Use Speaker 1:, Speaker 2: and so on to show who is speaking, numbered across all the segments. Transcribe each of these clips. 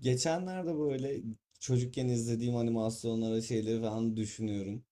Speaker 1: Geçenlerde böyle çocukken izlediğim animasyonlara şeyleri falan düşünüyorum.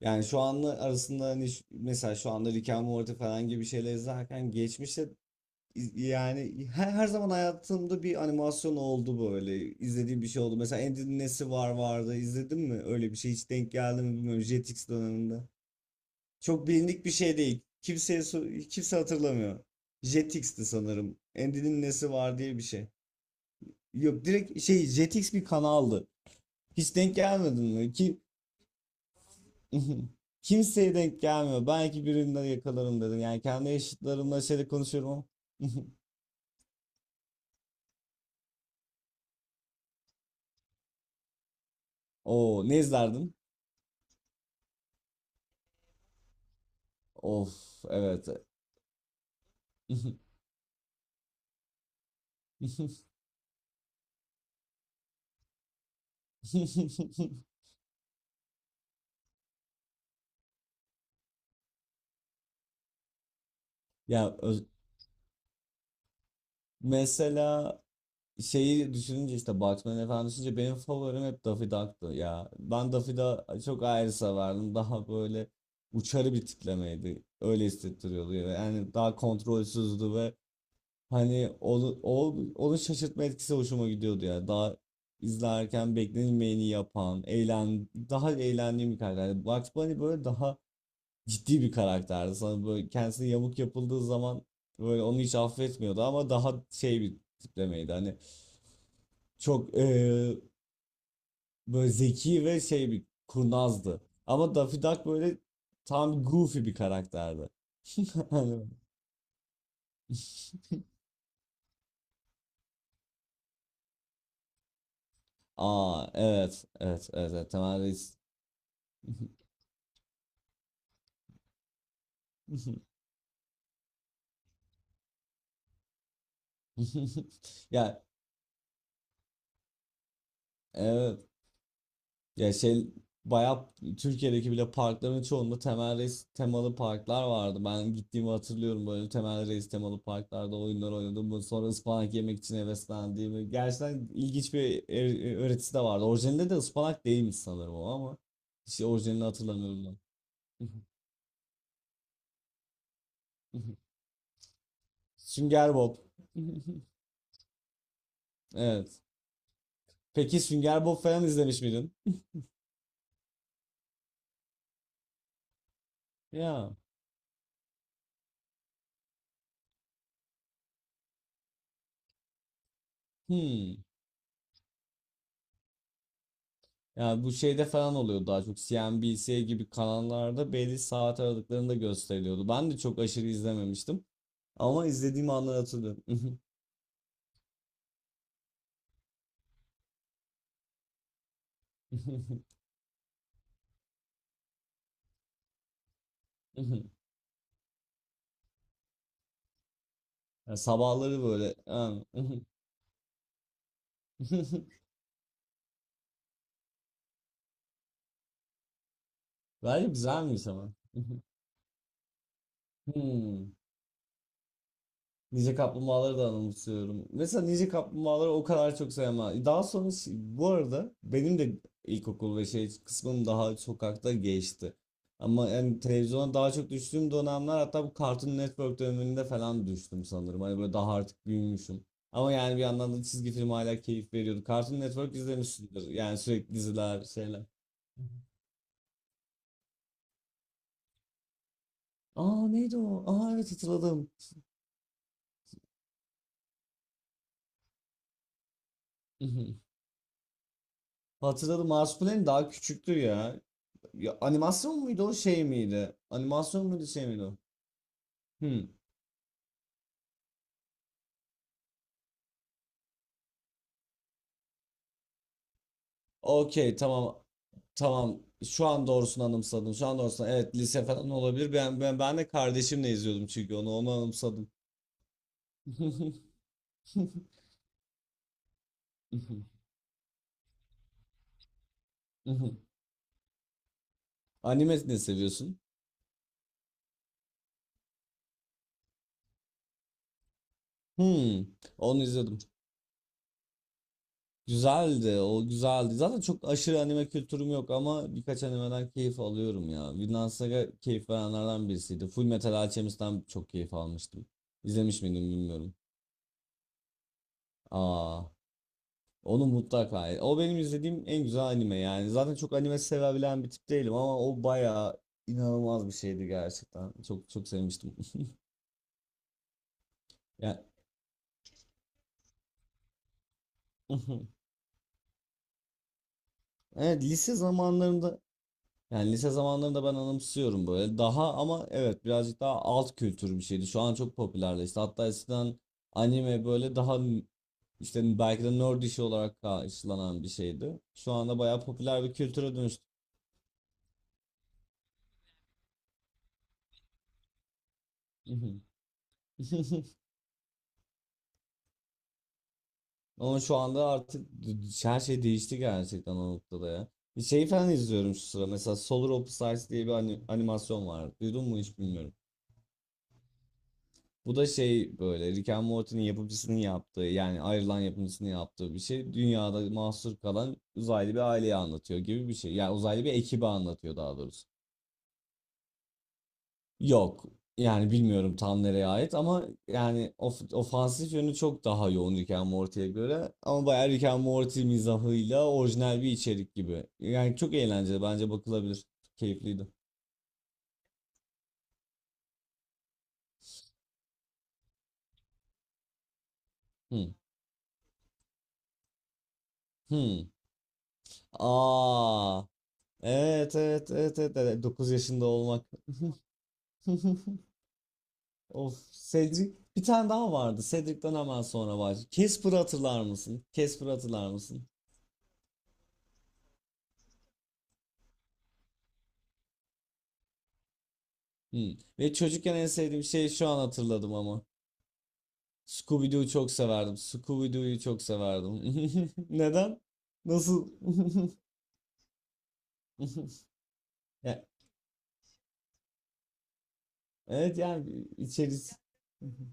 Speaker 1: Yani şu anla arasında hani mesela şu anda Rick and Morty falan gibi şeyler izlerken geçmişte yani her zaman hayatımda bir animasyon oldu böyle. İzlediğim bir şey oldu. Mesela Andy'nin nesi var vardı izledin mi? Öyle bir şey hiç denk geldi mi bilmiyorum Jetix döneminde. Çok bilindik bir şey değil. Kimseye kimse hatırlamıyor. Jetix'ti sanırım. Andy'nin nesi var diye bir şey. Yok, direkt şey Jetix bir kanaldı. Hiç denk gelmedin mi? Ki kimseye denk gelmiyor. Belki birinden yakalarım dedim. Yani kendi yaşıtlarımla şeyde konuşuyorum ama. Oo, ne izlerdin? Of, evet. Ya mesela şeyi düşününce işte Batman falan düşününce benim favorim hep Daffy Duck'tı ya. Ben Daffy Duck'ı çok ayrı severdim. Daha böyle uçarı bir tiplemeydi. Öyle hissettiriyordu. Yani daha kontrolsüzdü ve hani onun şaşırtma etkisi hoşuma gidiyordu ya. Daha izlerken beklenilmeyeni yapan, daha eğlendiğim bir karakter. Yani Bugs Bunny böyle daha ciddi bir karakterdi. Sana böyle kendisine yamuk yapıldığı zaman böyle onu hiç affetmiyordu ama daha şey bir tiplemeydi. Hani çok böyle zeki ve şey bir kurnazdı. Ama Daffy Duck böyle tam goofy bir karakterdi. Hani- Aa, evet evet evet, evet. Temel Reis. Ya, evet. Ya şey bayağı Türkiye'deki bile parkların çoğunda temel reis temalı parklar vardı. Ben gittiğimi hatırlıyorum böyle temel reis temalı parklarda oyunlar oynadım. Sonra ıspanak yemek için heveslendiğimi. Gerçekten ilginç bir öğretisi de vardı. Orijinalinde de ıspanak değilmiş sanırım o ama. İşte orijinalini hatırlamıyorum ben. Sünger Bob. Evet. Peki Sünger Bob falan izlemiş miydin? Ya. Hmm. Yani bu şeyde falan oluyor, daha çok CNBC gibi kanallarda belli saat aralıklarında gösteriliyordu. Ben de çok aşırı izlememiştim ama izlediğim anları hatırlıyorum. Yani sabahları böyle. Bence güzelmiş ama. Hmm. Ninja Kaplumbağaları da anımsıyorum. Mesela Ninja Kaplumbağaları o kadar çok sevmem. Daha sonra bu arada benim de ilkokul ve şey kısmım daha sokakta geçti. Ama yani televizyona daha çok düştüğüm dönemler, hatta bu Cartoon Network döneminde falan düştüm sanırım. Hani böyle daha artık büyümüşüm. Ama yani bir yandan da çizgi film hala keyif veriyordu. Cartoon Network izlemişsindir. Yani sürekli diziler, şeyler. Aa, neydi o? Aa, evet hatırladım. Hatırladım. Marshmallow'in daha küçüktü ya. Ya, animasyon muydu o şey miydi? Animasyon muydu şey miydi o? Hmm. Okey, tamam tamam. Şu an doğrusunu anımsadım. Şu an doğrusunu. Evet, lise falan olabilir. Ben de kardeşimle izliyordum çünkü onu anımsadım. Anime ne seviyorsun? Hmm. Onu izledim. Güzeldi. O güzeldi. Zaten çok aşırı anime kültürüm yok ama birkaç animeden keyif alıyorum ya. Vinland Saga keyif verenlerden birisiydi. Full Metal Alchemist'ten çok keyif almıştım. İzlemiş miydim bilmiyorum. Aa, onu mutlaka. O benim izlediğim en güzel anime yani. Zaten çok anime sevebilen bir tip değilim ama o bayağı inanılmaz bir şeydi gerçekten. Çok çok sevmiştim. Yani, evet, lise zamanlarında, yani lise zamanlarında ben anımsıyorum böyle. Daha ama evet, birazcık daha alt kültür bir şeydi. Şu an çok popülerleşti. Hatta eskiden anime böyle daha işte belki de nerd işi olarak karşılanan bir şeydi. Şu anda bayağı popüler bir kültüre dönüştü. Ama şu anda artık her şey değişti gerçekten o noktada ya. Bir şey falan izliyorum şu sıra. Mesela Solar Opposites diye bir animasyon var. Duydun mu hiç bilmiyorum. Bu da şey böyle Rick and Morty'nin yapımcısının yaptığı, yani ayrılan yapımcısının yaptığı bir şey. Dünyada mahsur kalan uzaylı bir aileyi anlatıyor gibi bir şey. Yani uzaylı bir ekibi anlatıyor daha doğrusu. Yok. Yani bilmiyorum tam nereye ait ama yani ofansif yönü çok daha yoğun Rick and Morty'ye göre. Ama bayağı Rick and Morty mizahıyla orijinal bir içerik gibi. Yani çok eğlenceli, bence bakılabilir. Keyifliydi. Hmm. Hmm. Aa. Evet evet evet evet, evet. 9 yaşında olmak. Of, Cedric. Bir tane daha vardı. Cedric'ten hemen sonra var. Casper'ı hatırlar mısın? Casper'ı hatırlar mısın? Hmm. Ve çocukken en sevdiğim şey şu an hatırladım ama. Scooby-Doo'yu çok severdim. Scooby-Doo'yu çok severdim. Neden? Nasıl? Ya, evet yani içerisi.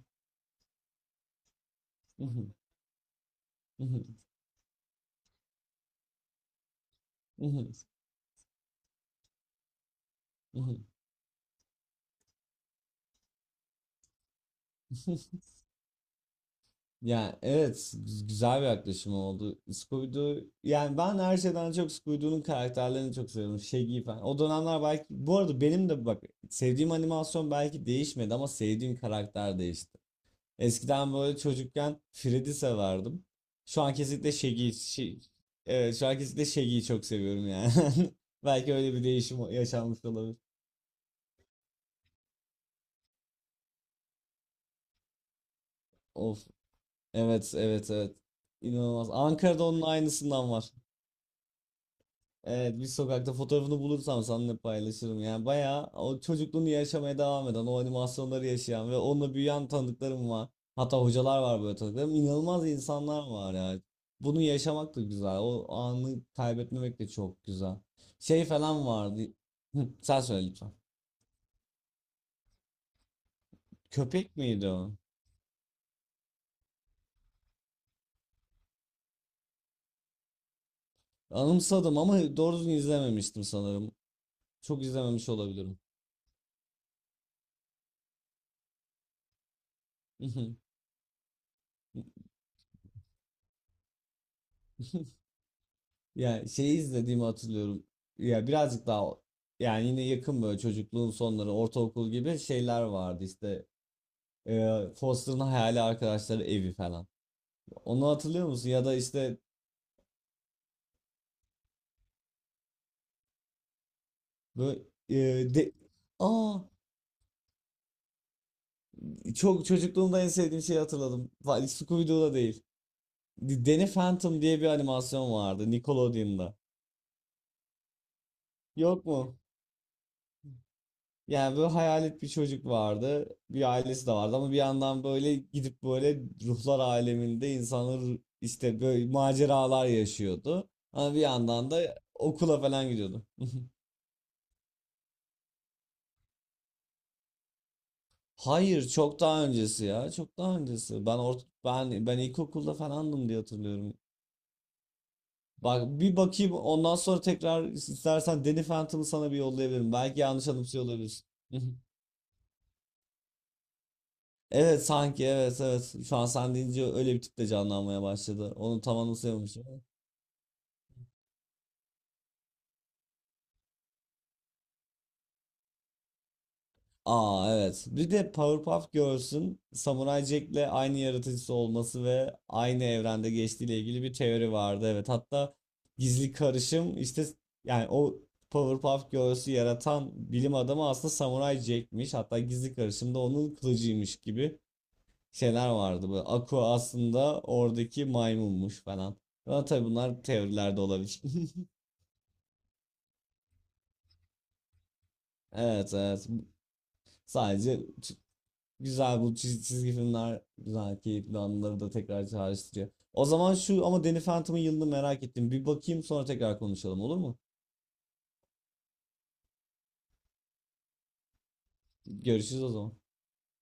Speaker 1: Yani evet, güzel bir yaklaşım oldu. Scooby-Doo yani ben her şeyden çok Scooby-Doo'nun karakterlerini çok seviyorum. Shaggy falan. O dönemler belki, bu arada benim de bak sevdiğim animasyon belki değişmedi ama sevdiğim karakter değişti. Eskiden böyle çocukken Freddy severdim. Şu an kesinlikle Shaggy, şey, evet, şu an kesinlikle Shaggy'yi çok seviyorum yani. Belki öyle bir değişim yaşanmış olabilir. Of, evet, evet, evet. İnanılmaz. Ankara'da onun aynısından var. Evet, bir sokakta fotoğrafını bulursam seninle paylaşırım. Yani bayağı o çocukluğunu yaşamaya devam eden, o animasyonları yaşayan ve onunla büyüyen tanıdıklarım var. Hatta hocalar var böyle tanıdıklarım. İnanılmaz insanlar var ya. Bunu yaşamak da güzel. O anı kaybetmemek de çok güzel. Şey falan vardı. Hı, sen söyle lütfen. Köpek miydi o? Anımsadım ama doğru düzgün izlememiştim sanırım. Çok izlememiş olabilirim. Ya, şeyi izlediğimi hatırlıyorum. Ya birazcık daha, yani yine yakın böyle çocukluğun sonları, ortaokul gibi şeyler vardı işte. E, Foster'ın hayali arkadaşları evi falan. Onu hatırlıyor musun? Ya da işte böyle e, de Aa, çok, çocukluğumda en sevdiğim şeyi hatırladım. Scooby-Doo'da değil. Danny Phantom diye bir animasyon vardı Nickelodeon'da. Yok mu? Yani böyle hayalet bir çocuk vardı. Bir ailesi de vardı ama bir yandan böyle gidip böyle ruhlar aleminde insanlar işte böyle maceralar yaşıyordu. Ama bir yandan da okula falan gidiyordu. Hayır, çok daha öncesi ya. Çok daha öncesi. Ben ort ben ben ilkokulda falandım diye hatırlıyorum. Bak bir bakayım, ondan sonra tekrar istersen Danny Phantom'ı sana bir yollayabilirim. Belki yanlış anımsıyor olabilirsin. Evet sanki, evet evet. Şu an sen deyince öyle bir tip de canlanmaya başladı. Onu tam anımsayamamışım. Aa, evet. Bir de Powerpuff Girls'ün Samurai Jack'le aynı yaratıcısı olması ve aynı evrende geçtiğiyle ilgili bir teori vardı. Evet, hatta gizli karışım işte, yani o Powerpuff Girls'ü yaratan bilim adamı aslında Samurai Jack'miş. Hatta gizli karışım da onun kılıcıymış gibi şeyler vardı. Böyle Aqua aslında oradaki maymunmuş falan. Ama tabii bunlar teorilerde olabilir. Evet, evet. Sadece. Güzel, bu çizgi filmler güzel keyifli anıları da tekrar çağrıştırıyor. O zaman şu, ama Danny Phantom'ın yılını merak ettim. Bir bakayım, sonra tekrar konuşalım olur mu? Görüşürüz o zaman.